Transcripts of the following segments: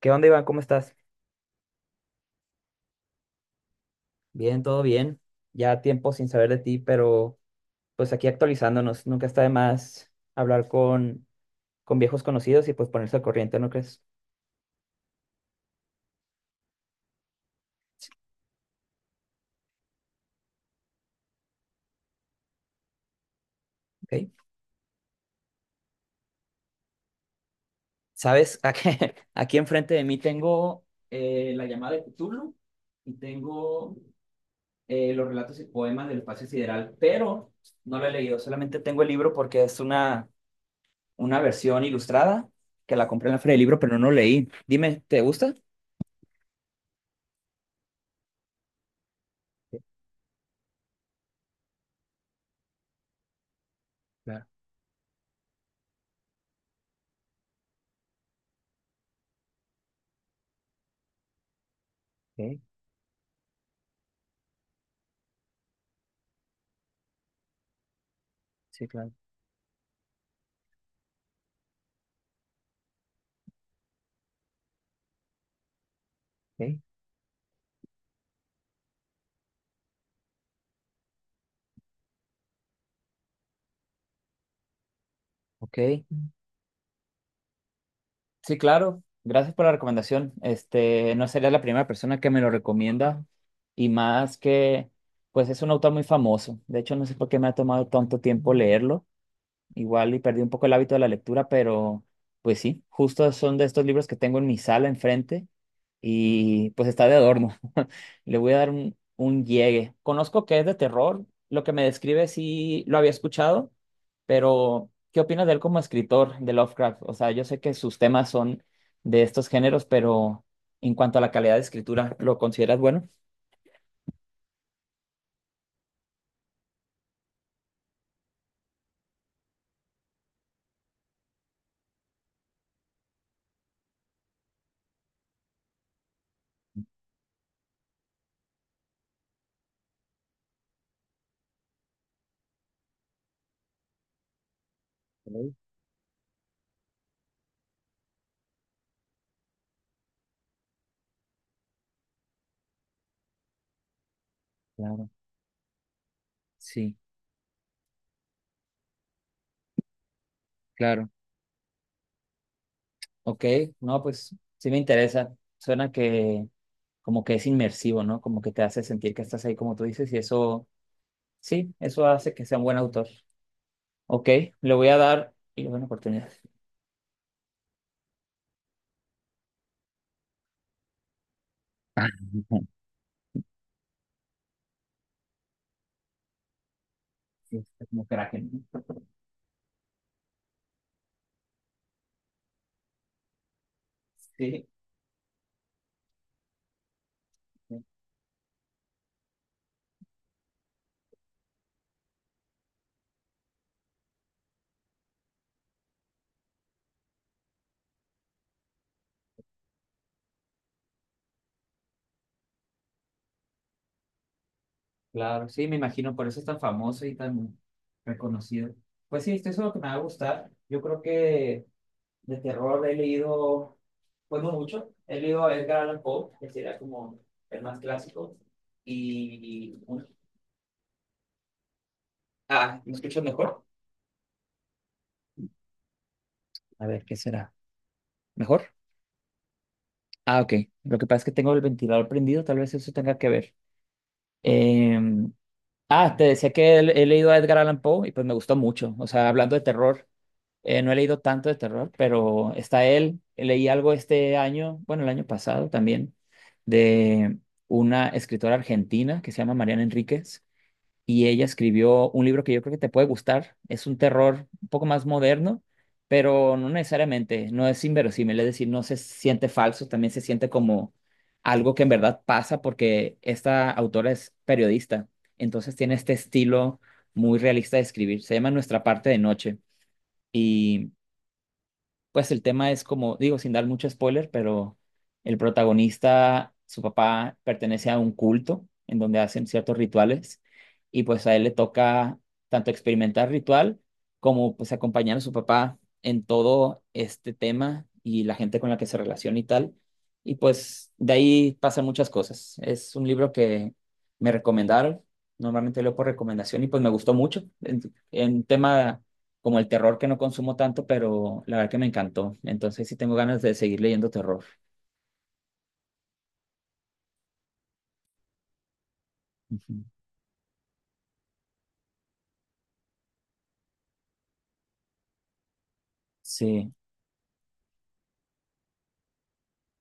¿Qué onda, Iván? ¿Cómo estás? Bien, todo bien. Ya tiempo sin saber de ti, pero pues aquí actualizándonos. Nunca está de más hablar con viejos conocidos y pues ponerse al corriente, ¿no crees? Ok. ¿Sabes? Aquí enfrente de mí tengo la llamada de Cthulhu y tengo los relatos y poemas del espacio sideral, pero no lo he leído. Solamente tengo el libro porque es una versión ilustrada que la compré en la feria del libro, pero no lo leí. Dime, ¿te gusta? Sí, claro, ok, sí, claro, ok. Ok, sí, claro. Gracias por la recomendación. Este, no sería la primera persona que me lo recomienda y más que, pues es un autor muy famoso. De hecho, no sé por qué me ha tomado tanto tiempo leerlo. Igual y perdí un poco el hábito de la lectura, pero pues sí, justo son de estos libros que tengo en mi sala enfrente y pues está de adorno. Le voy a dar un llegue. Conozco que es de terror, lo que me describe sí lo había escuchado, pero ¿qué opinas de él como escritor de Lovecraft? O sea, yo sé que sus temas son de estos géneros, pero en cuanto a la calidad de escritura, ¿lo consideras bueno? Ok. Claro. Sí, claro. Ok, no, pues sí me interesa. Suena que como que es inmersivo, ¿no? Como que te hace sentir que estás ahí como tú dices y eso, sí, eso hace que sea un buen autor. Ok, le voy a dar y le doy una oportunidad. Sí, está como crack, ¿no? Sí, sí, claro, sí, me imagino, por eso es tan famoso y tan reconocido. Pues sí, esto es lo que me va a gustar. Yo creo que de terror he leído, pues no mucho, he leído a Edgar Allan Poe, que sería como el más clásico. Y... Ah, ¿me escuchas mejor? A ver, ¿qué será? ¿Mejor? Ah, ok. Lo que pasa es que tengo el ventilador prendido, tal vez eso tenga que ver. Em, Ah, te decía que he leído a Edgar Allan Poe y pues me gustó mucho. O sea, hablando de terror, no he leído tanto de terror, pero está él. Leí algo este año, bueno, el año pasado también, de una escritora argentina que se llama Mariana Enríquez y ella escribió un libro que yo creo que te puede gustar. Es un terror un poco más moderno, pero no necesariamente, no es inverosímil, es decir, no se siente falso, también se siente como algo que en verdad pasa porque esta autora es periodista, entonces tiene este estilo muy realista de escribir. Se llama Nuestra parte de noche. Y pues el tema es como, digo, sin dar mucho spoiler, pero el protagonista, su papá pertenece a un culto en donde hacen ciertos rituales y pues a él le toca tanto experimentar ritual como pues acompañar a su papá en todo este tema y la gente con la que se relaciona y tal. Y pues de ahí pasan muchas cosas. Es un libro que me recomendaron, normalmente leo por recomendación y pues me gustó mucho en tema como el terror que no consumo tanto, pero la verdad que me encantó. Entonces sí tengo ganas de seguir leyendo terror. Ujú. Sí.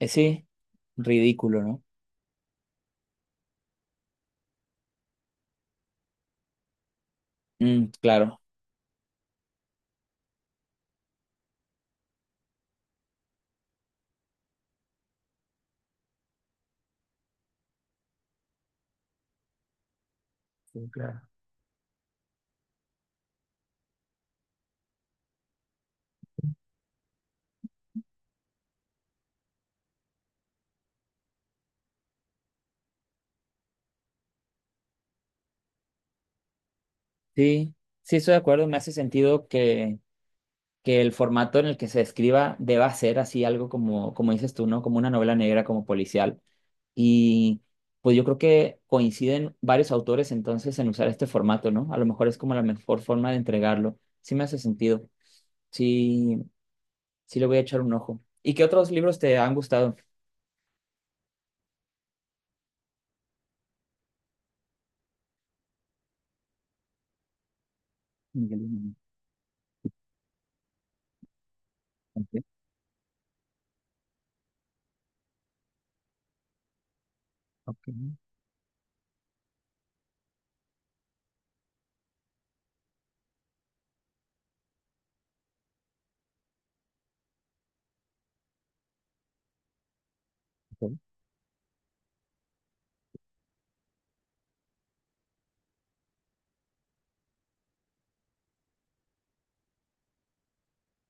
Sí, ridículo, ¿no? Mm, claro. Sí, claro. Sí, sí estoy de acuerdo, me hace sentido que el formato en el que se escriba deba ser así algo como, como dices tú, ¿no? Como una novela negra, como policial. Y pues yo creo que coinciden varios autores entonces en usar este formato, ¿no? A lo mejor es como la mejor forma de entregarlo. Sí me hace sentido. Sí. Sí, le voy a echar un ojo. ¿Y qué otros libros te han gustado? Miguel de Unamuno. Ok, ok, ok,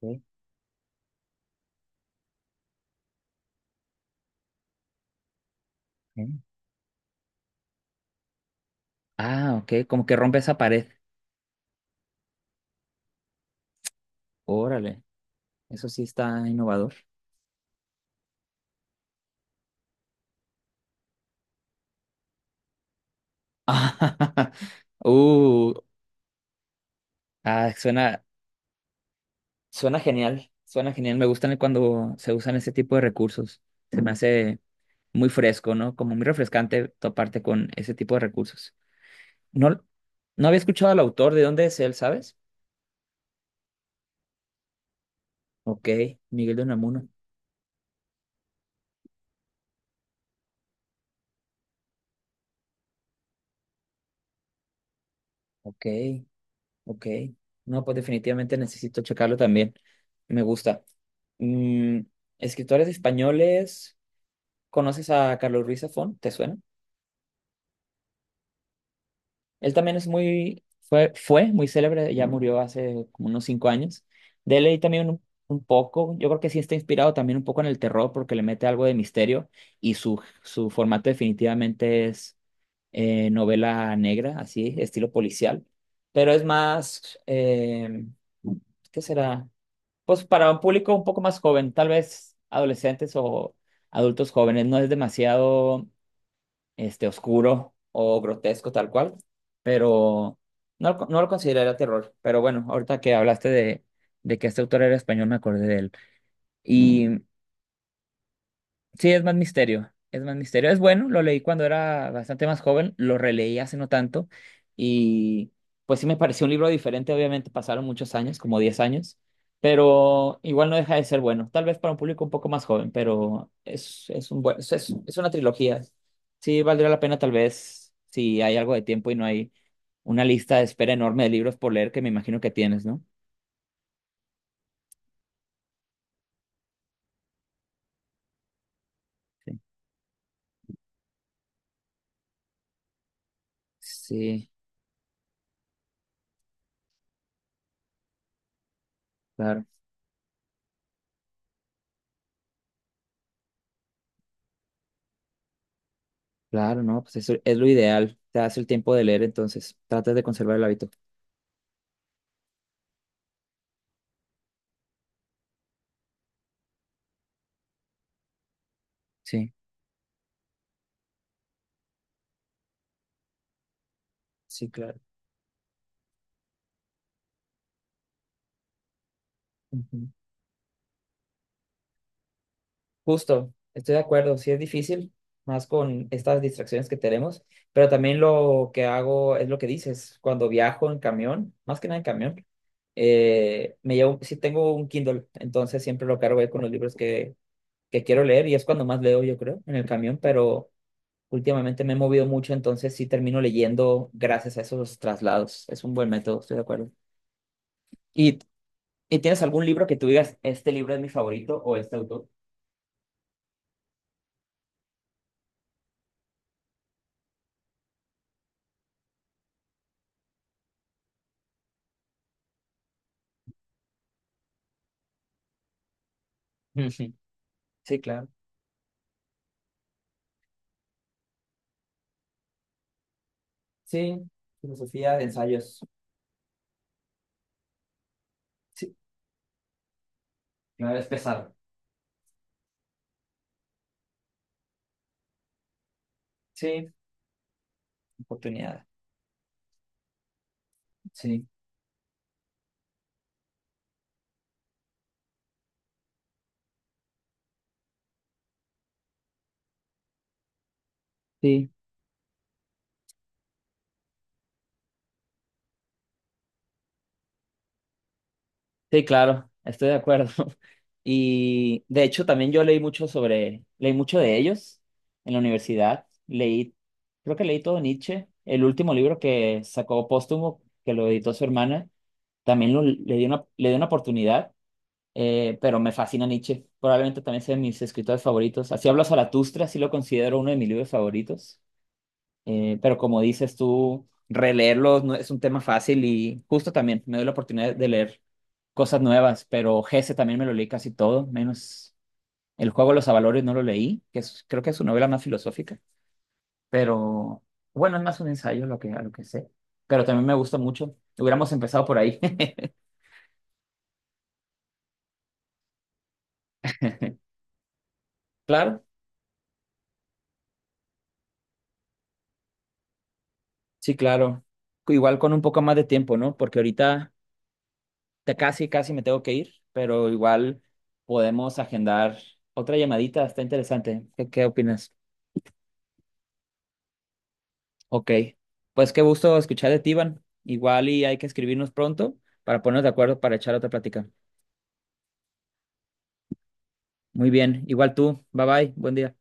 ok. Ok. Ah, ok, como que rompe esa pared. Órale, eso sí está innovador. Uh, ah, suena genial, suena genial. Me gustan cuando se usan ese tipo de recursos. Se me hace muy fresco, ¿no? Como muy refrescante toparte con ese tipo de recursos. No, no había escuchado al autor, ¿de dónde es él, sabes? Ok. Miguel de Unamuno. Ok. Ok. No, pues definitivamente necesito checarlo también. Me gusta. Mm, escritores españoles. ¿Conoces a Carlos Ruiz Zafón? ¿Te suena? Él también es fue muy célebre, ya murió hace como unos 5 años. De él leí también un poco, yo creo que sí está inspirado también un poco en el terror porque le mete algo de misterio y su formato definitivamente es novela negra, así, estilo policial, pero es más, ¿qué será? Pues para un público un poco más joven, tal vez adolescentes o adultos jóvenes, no es demasiado este, oscuro o grotesco tal cual, pero no lo consideraría terror. Pero bueno, ahorita que hablaste de que este autor era español, me acordé de él. Y Sí, es más misterio. Es más misterio. Es bueno, lo leí cuando era bastante más joven, lo releí hace no tanto y pues sí me pareció un libro diferente, obviamente pasaron muchos años, como 10 años, pero igual no deja de ser bueno. Tal vez para un público un poco más joven, pero es un buen, es una trilogía. Sí, valdría la pena tal vez si hay algo de tiempo y no hay una lista de espera enorme de libros por leer que me imagino que tienes, ¿no? Sí. Sí, claro. Claro, no, pues eso es lo ideal. Te das el tiempo de leer, entonces tratas de conservar el hábito. Sí, sí, claro. Ujú. Justo, estoy de acuerdo, sí es difícil, más con estas distracciones que tenemos, pero también lo que hago es lo que dices, cuando viajo en camión, más que nada en camión, me llevo, sí tengo un Kindle, entonces siempre lo cargo ahí con los libros que quiero leer y es cuando más leo, yo creo, en el camión, pero Últimamente me he movido mucho, entonces sí termino leyendo gracias a esos traslados. Es un buen método, estoy de acuerdo. ¿Y, y tienes algún libro que tú digas, este libro es mi favorito o este autor? Ujú. Sí, claro. Sí, filosofía de ensayos. Sí, claro, es pesado. Sí, oportunidad. Sí. Sí. Sí, claro, estoy de acuerdo. Y de hecho también yo leí mucho sobre, leí mucho de ellos en la universidad. Leí, creo que leí todo Nietzsche. El último libro que sacó póstumo, que lo editó su hermana, también le di una oportunidad, pero me fascina Nietzsche. Probablemente también sea de mis escritores favoritos. Así hablo Zaratustra, sí lo considero uno de mis libros favoritos. Pero como dices tú, releerlos no es un tema fácil y justo también me doy la oportunidad de leer cosas nuevas, pero Gese también me lo leí casi todo, menos El juego de los avalores no lo leí, que creo que es su novela más filosófica, pero bueno, es más un ensayo lo que, a lo que sé, pero también me gusta mucho. Hubiéramos empezado por ahí. Claro, sí, claro. Igual con un poco más de tiempo, ¿no? Porque ahorita te casi, casi me tengo que ir, pero igual podemos agendar otra llamadita, está interesante. ¿Qué opinas? Ok, pues qué gusto escuchar de ti, Iván. Igual y hay que escribirnos pronto para ponernos de acuerdo para echar otra plática. Muy bien, igual tú, bye bye, buen día.